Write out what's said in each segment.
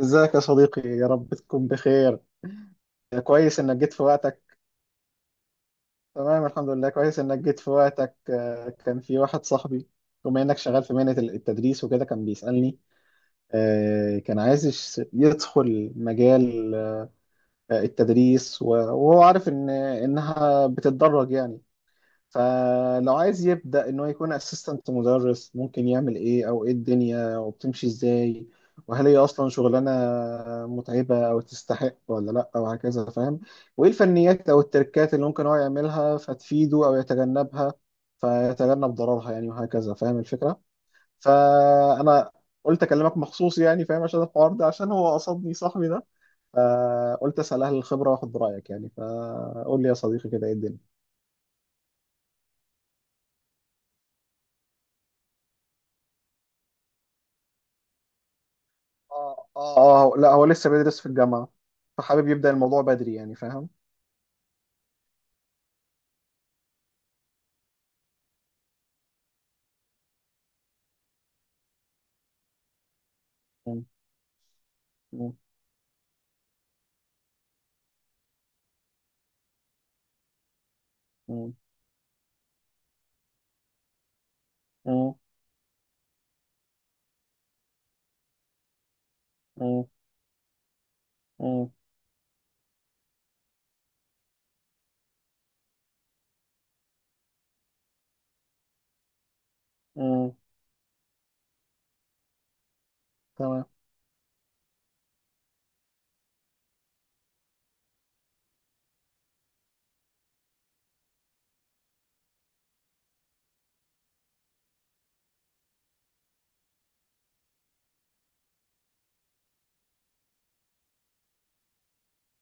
ازيك يا صديقي، يا رب تكون بخير. كويس انك جيت في وقتك. تمام، الحمد لله، كويس انك جيت في وقتك. كان في واحد صاحبي، بما انك شغال في مهنة التدريس وكده، كان بيسألني. كان عايز يدخل مجال التدريس، وهو عارف ان انها بتتدرج يعني. فلو عايز يبدأ إن هو يكون أسيستنت مدرس، ممكن يعمل إيه؟ أو إيه الدنيا وبتمشي إزاي؟ وهل هي أصلا شغلانة متعبة أو تستحق ولا لأ؟ وهكذا فاهم. وإيه الفنيات أو التركات اللي ممكن هو يعملها فتفيده أو يتجنبها فيتجنب ضررها يعني، وهكذا فاهم الفكرة. فأنا قلت أكلمك مخصوص يعني، فاهم، عشان الحوار ده، عشان هو قصدني صاحبي ده. فقلت أسأل أهل الخبرة وآخد برأيك يعني. فقول لي يا صديقي كده، إيه الدنيا؟ اه اه اه، لا هو لسه بيدرس في الجامعة، فحابب يبدأ الموضوع بدري يعني فاهم. مم. مم. مم. مم. مم. مم. مم. تمام.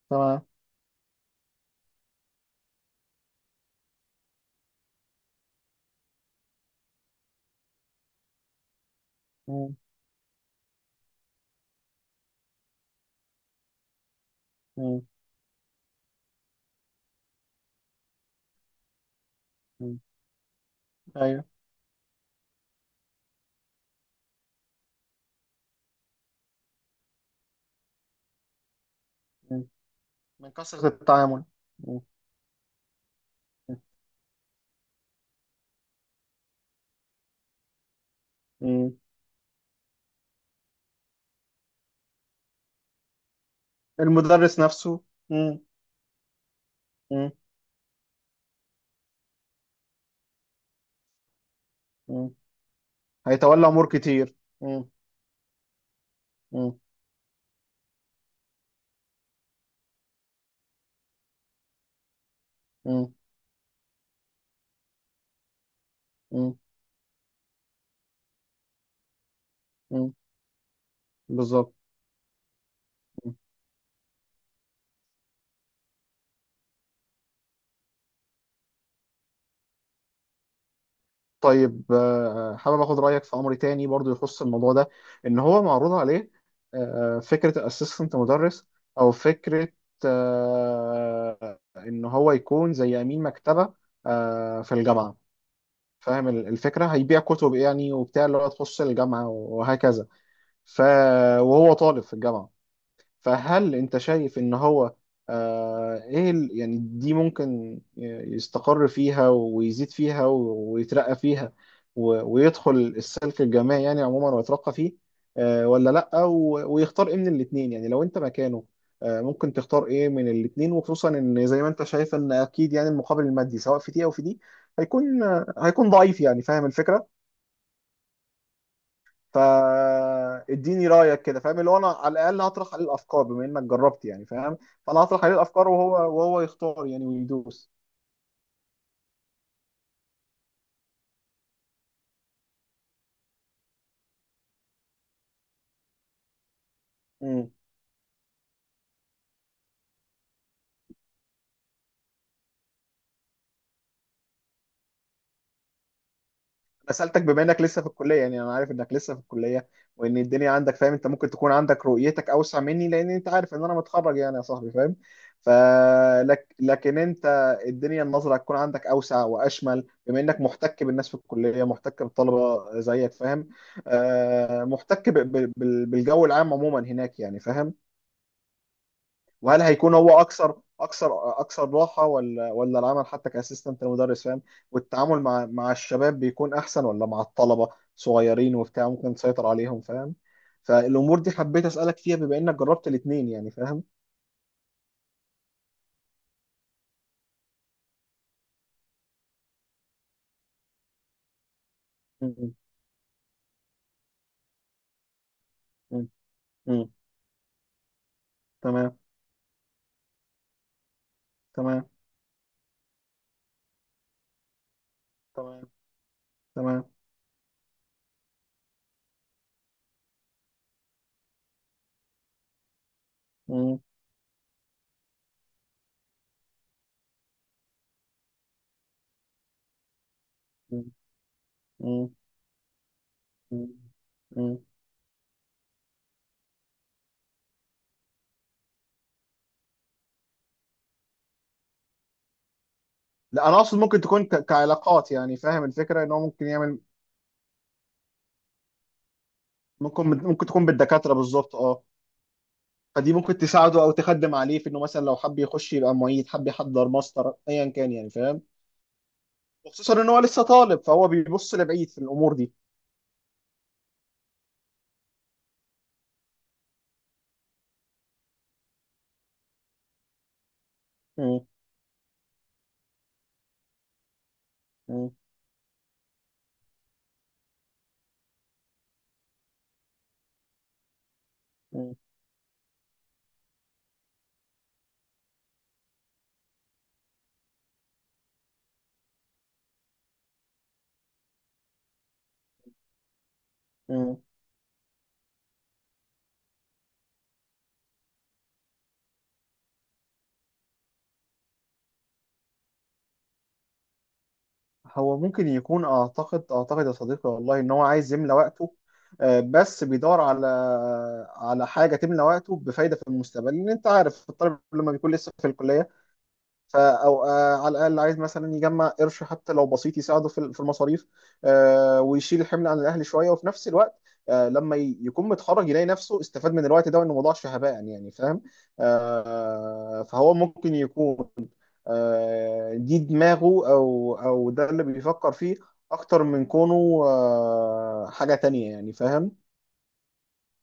تمام. مم. مم. مم. ايوه. مم. من كثرة التعامل. مم. مم. المدرس نفسه. مم. مم. مم. هيتولى أمور كتير. مم. مم. مم. مم. بالظبط. طيب حابب اخد رايك في امر تاني برضو يخص الموضوع ده، ان هو معروض عليه فكره الاسيستنت مدرس، او فكره ان هو يكون زي امين مكتبه في الجامعه، فاهم الفكره. هيبيع كتب يعني وبتاع، اللي هو تخص الجامعه وهكذا. ف وهو طالب في الجامعه. فهل انت شايف ان هو آه ايه يعني دي ممكن يستقر فيها ويزيد فيها ويترقى فيها، ويدخل السلك الجامعي يعني عموما ويترقى فيه، آه ولا لأ؟ ويختار ايه من الاتنين يعني لو انت مكانه، آه ممكن تختار ايه من الاتنين؟ وخصوصا ان زي ما انت شايف ان اكيد يعني المقابل المادي سواء في دي او في دي هيكون ضعيف يعني، فاهم الفكرة. فاديني رايك كده، فاهم، اللي هو انا على الاقل هطرح عليه الافكار بما انك جربت يعني، فاهم. فانا هطرح عليه الافكار، وهو يختار يعني ويدوس. انا سالتك بما انك لسه في الكليه يعني، انا عارف انك لسه في الكليه وان الدنيا عندك، فاهم. انت ممكن تكون عندك رؤيتك اوسع مني، لان انت عارف ان انا متخرج يعني يا صاحبي، فاهم. فلك لكن انت الدنيا النظره هتكون عندك اوسع واشمل، بما انك محتك بالناس في الكليه، محتك بالطلبه زيك، فاهم. محتك بالجو العام عموما هناك يعني، فاهم. وهل هيكون هو اكثر اكثر اكثر راحه ولا العمل حتى كاسيستنت المدرس، فاهم؟ والتعامل مع الشباب بيكون احسن ولا مع الطلبه صغيرين وبتاع ممكن تسيطر عليهم، فاهم؟ فالامور دي حبيت اسالك فيها بما انك جربت الاثنين يعني فاهم. م- م- م. تمام. تمام. تمام. تمام. م- م- م- م- م. لا انا اقصد ممكن تكون كعلاقات يعني، فاهم الفكره، ان هو ممكن يعمل. ممكن تكون بالدكاتره بالظبط اه. فدي ممكن تساعده او تخدم عليه في انه مثلا لو حب يخش يبقى معيد، حب يحضر ماستر، ايا كان يعني فاهم. وخصوصا ان هو لسه طالب فهو بيبص لبعيد في الامور دي. م- م- م- م. هو ممكن يكون اعتقد يا صديقي، والله، ان هو عايز يملى وقته، بس بيدور على حاجه تملى وقته بفايده في المستقبل، لان انت عارف الطالب لما بيكون لسه في الكليه. فا او آه على الاقل عايز مثلا يجمع قرش، حتى لو بسيط يساعده في المصاريف. آه ويشيل الحمل عن الاهل شويه، وفي نفس الوقت، آه لما يكون متخرج يلاقي نفسه استفاد من الوقت ده، وانه ما ضاعش هباء يعني فاهم. آه فهو ممكن يكون آه دي دماغه، او ده اللي بيفكر فيه اكتر من كونه آه حاجه تانية يعني فاهم.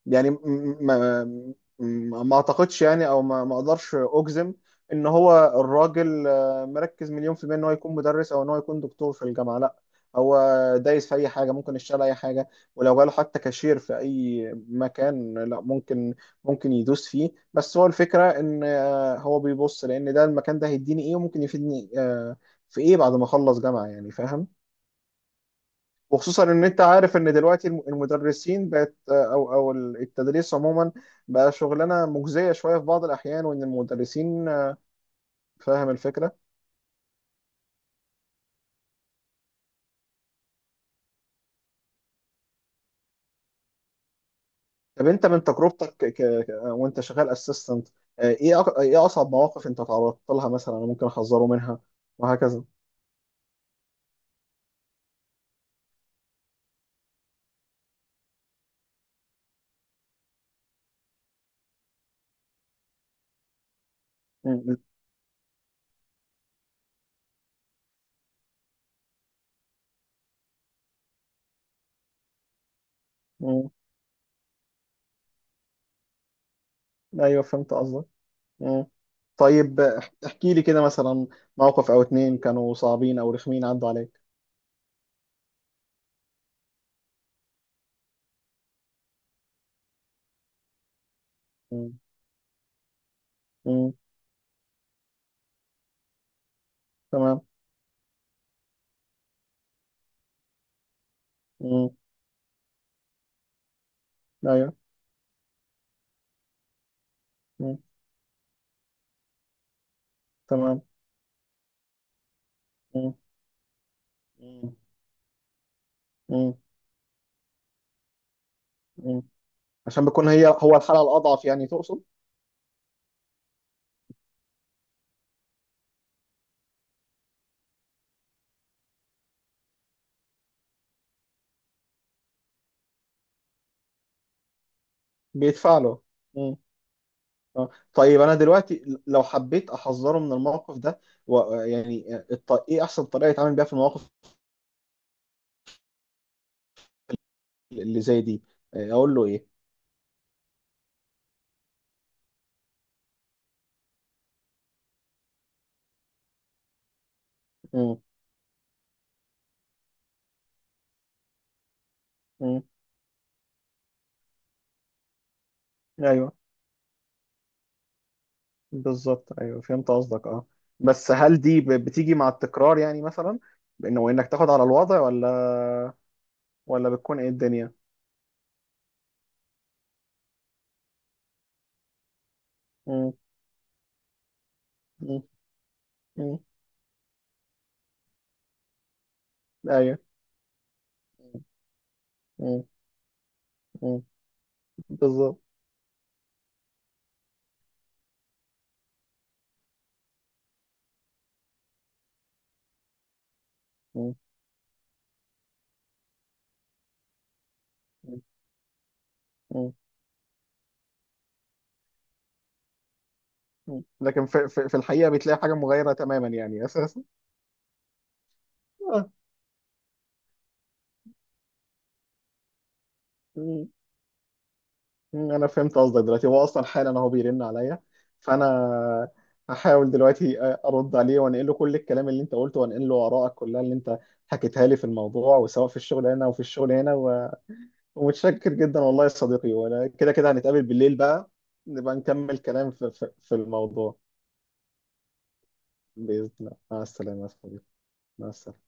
يعني ما اعتقدش يعني، او ما اقدرش اجزم ان هو الراجل مركز 1,000,000% ان هو يكون مدرس، او ان هو يكون دكتور في الجامعة، لا. هو دايس في اي حاجة، ممكن يشتغل اي حاجة، ولو جاله حتى كاشير في اي مكان، لا ممكن يدوس فيه. بس هو الفكرة ان هو بيبص لان ده، المكان ده هيديني ايه وممكن يفيدني في ايه بعد ما اخلص جامعة يعني فاهم. وخصوصا ان انت عارف ان دلوقتي المدرسين بقت، او التدريس عموما بقى شغلانه مجزيه شويه في بعض الاحيان، وان المدرسين، فاهم الفكره. طب انت من تجربتك وانت شغال اسيستنت، ايه ايه اصعب مواقف انت تعرضت لها مثلا، أنا ممكن احذره منها وهكذا. م- م- م. ايوه فهمت قصدك. م. طيب احكي لي كده مثلا موقف او اتنين كانوا صعبين او رخمين عدوا عليك. م. م. تمام. م. ايوه. م. تمام. مم. مم. مم. عشان بيكون هي هو الحالة الأضعف يعني، تقصد. بيدفع له. مم. آه. طيب أنا دلوقتي لو حبيت أحذره من الموقف ده إيه أحسن طريقة يتعامل بيها في المواقف اللي زي دي، أقول له إيه؟ مم. مم. أيوه. بالظبط، أيوه فهمت قصدك أه. بس هل دي بتيجي مع التكرار يعني، مثلا بأنه إنك تاخد على الوضع، ولا بتكون إيه الدنيا؟ مم. مم. مم. أيوه. مم. مم. بالظبط. مم. مم. مم. لكن في الحقيقة بتلاقي حاجة مغايرة تماما يعني أساسا. آه. مم. مم. أنا فهمت قصدك دلوقتي، هو أصلا حالا أهو بيرن عليا، فأنا هحاول دلوقتي أرد عليه، وأنقل له كل الكلام اللي أنت قلته، وأنقل له آرائك كلها اللي أنت حكيتها لي في الموضوع، وسواء في الشغل هنا وفي الشغل هنا ومتشكر جدا، والله يا صديقي، وأنا كده كده هنتقابل بالليل بقى، نبقى نكمل كلام في الموضوع بإذن الله. مع السلامة يا صديقي. مع السلامة.